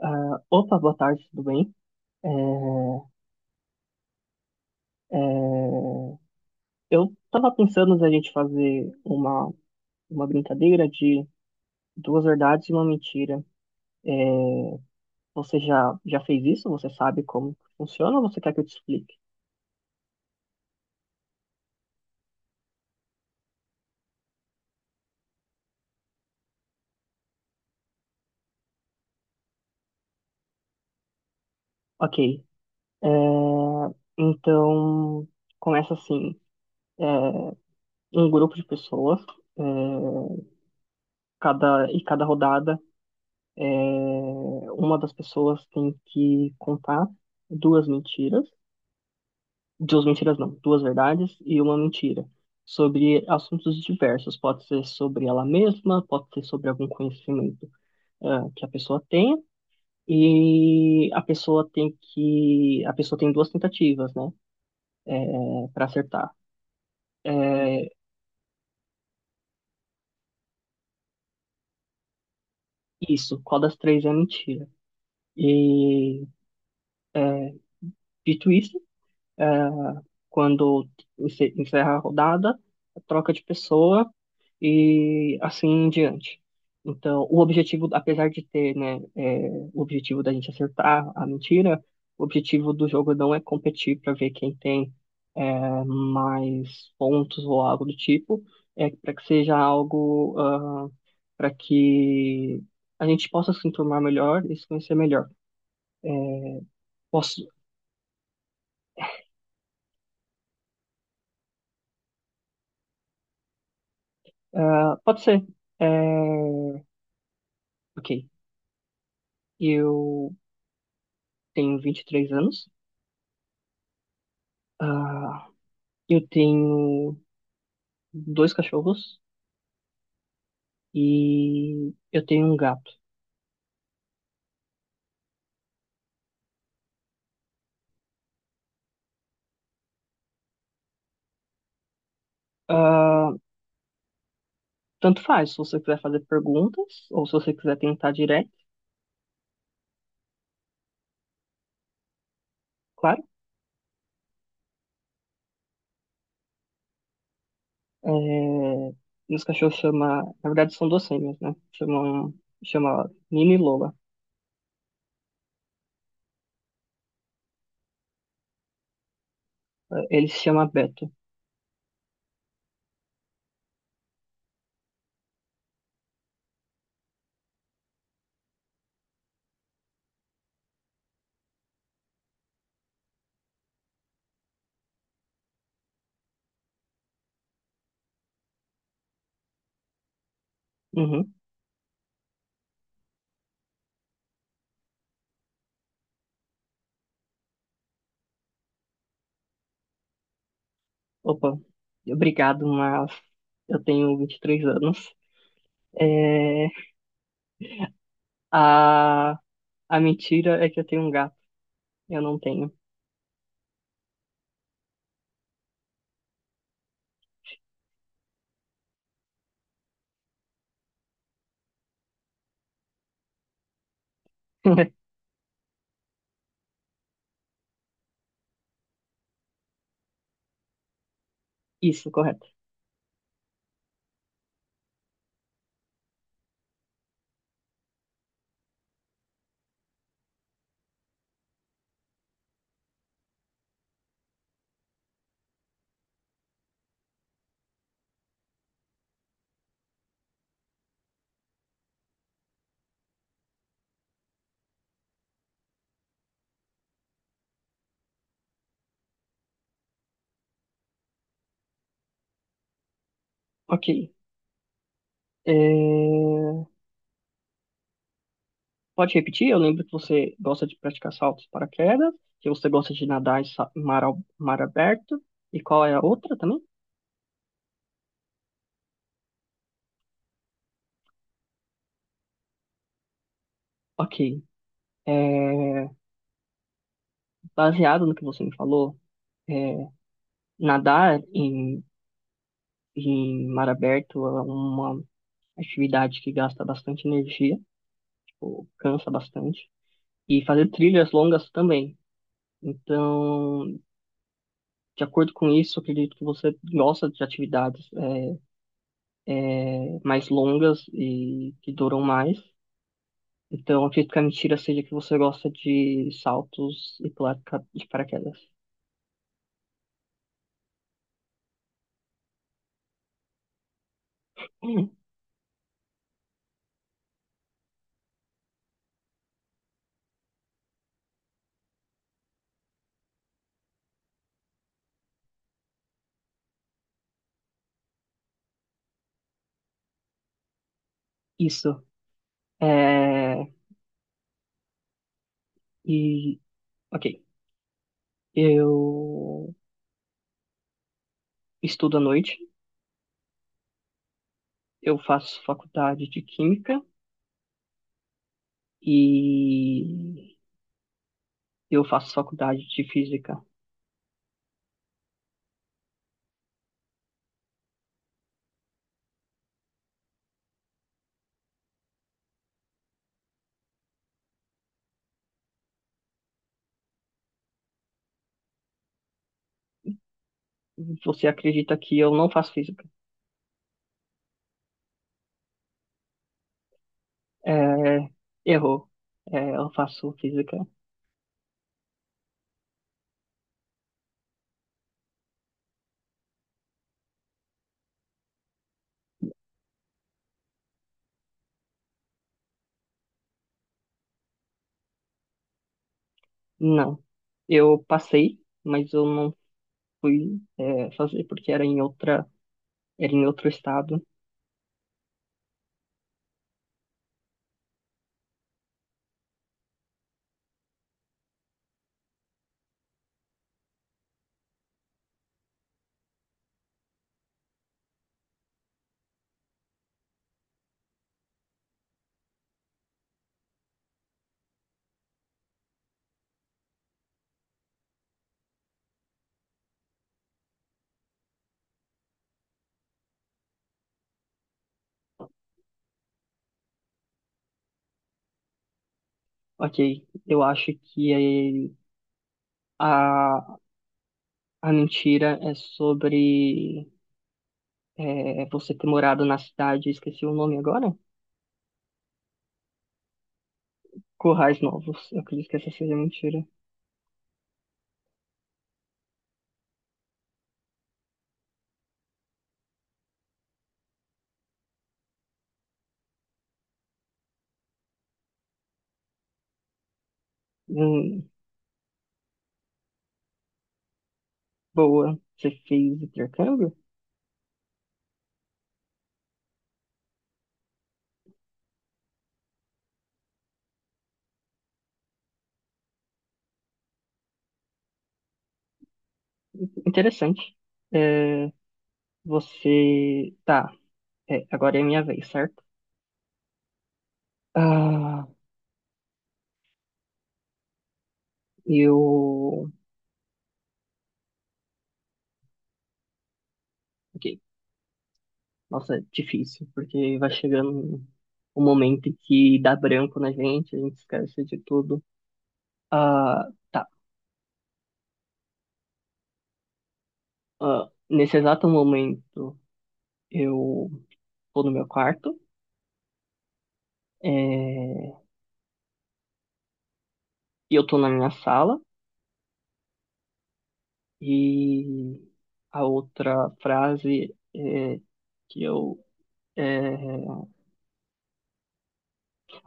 Ah, opa, boa tarde, tudo bem? É, é, eu tava pensando da gente fazer uma brincadeira de duas verdades e uma mentira. É, você já fez isso? Você sabe como funciona ou você quer que eu te explique? Ok, é, então começa assim. É, um grupo de pessoas, é, cada, e cada rodada, é, uma das pessoas tem que contar duas mentiras. Duas mentiras não, duas verdades e uma mentira. Sobre assuntos diversos, pode ser sobre ela mesma, pode ser sobre algum conhecimento que a pessoa tem, e a pessoa tem que. A pessoa tem duas tentativas, né? É, para acertar. É, isso, qual das três é mentira? E é, Dito isso, quando encerra a rodada, troca de pessoa e assim em diante. Então, o objetivo, apesar de ter, né, é, o objetivo da gente acertar a mentira, o objetivo do jogo não é competir para ver quem tem mais pontos ou algo do tipo, é para que seja algo para que a gente possa se enturmar melhor e se conhecer melhor. É, posso, ah, pode ser. É, ok, eu tenho 23 anos, ah, eu tenho dois cachorros e eu tenho um gato. Ah, tanto faz, se você quiser fazer perguntas ou se você quiser tentar direto, claro. É, meus cachorros chama, na verdade são duas fêmeas, né? Chamam, chama Nina e Lola. Ele se chama Beto. Uhum. Opa, obrigado, mas eu tenho 23 anos. É, a, a mentira é que eu tenho um gato. Eu não tenho. Isso, correto. Ok. É, pode repetir? Eu lembro que você gosta de praticar saltos paraquedas, que você gosta de nadar em em mar, mar aberto. E qual é a outra também? Ok. É, baseado no que você me falou, é, nadar em, em mar aberto é uma atividade que gasta bastante energia, tipo, cansa bastante. E fazer trilhas longas também. Então, de acordo com isso, eu acredito que você gosta de atividades mais longas e que duram mais. Então, acredito que a mentira seja que você gosta de saltos e pular de de paraquedas. Hum. Isso. É... E, ok. Eu estudo à noite. Eu faço faculdade de química. E eu faço faculdade de física. Você acredita que eu não faço física? É, errou. É, eu faço física. Não. Eu passei, mas eu não fui, é, fazer porque era em outra, era em outro estado. Ok, eu acho que a, a mentira é sobre você ter morado na cidade, esqueci o nome agora? Currais Novos, eu acredito que essa seja a mentira. Hum, boa, você fez intercâmbio? Interessante. É, você. Tá, é, agora é minha vez, certo? Ah, eu. Ok, nossa, é difícil, porque vai chegando um momento que dá branco na gente, a gente esquece de tudo. Ah, tá. Ah, nesse exato momento, eu tô no meu quarto, é, e eu tô na minha sala, e a outra frase é que eu é,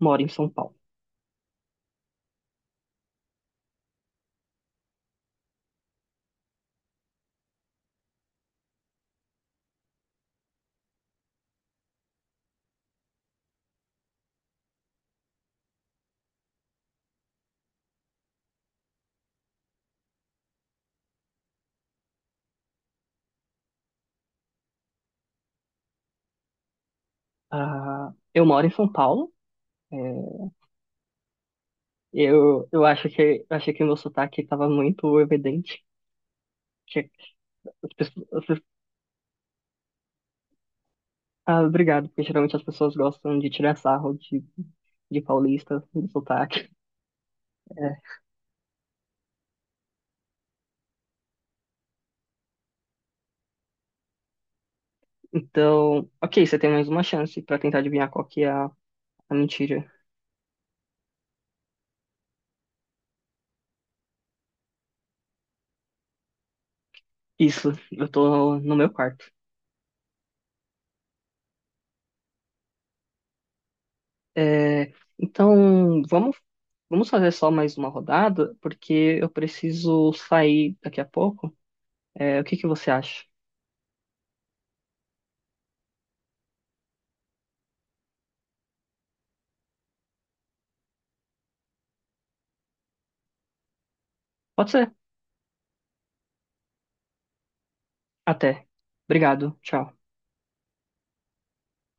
moro em São Paulo. Ah, eu moro em São Paulo, é, eu acho que, eu achei que o meu sotaque estava muito evidente. Que as as ah, obrigado, porque geralmente as pessoas gostam de tirar sarro de paulista, do sotaque. Então, ok, você tem mais uma chance pra tentar adivinhar qual que é a mentira. Isso, eu tô no meu quarto. É, então, vamos, vamos fazer só mais uma rodada, porque eu preciso sair daqui a pouco. É, o que que você acha? Pode ser. Até. Obrigado. Tchau.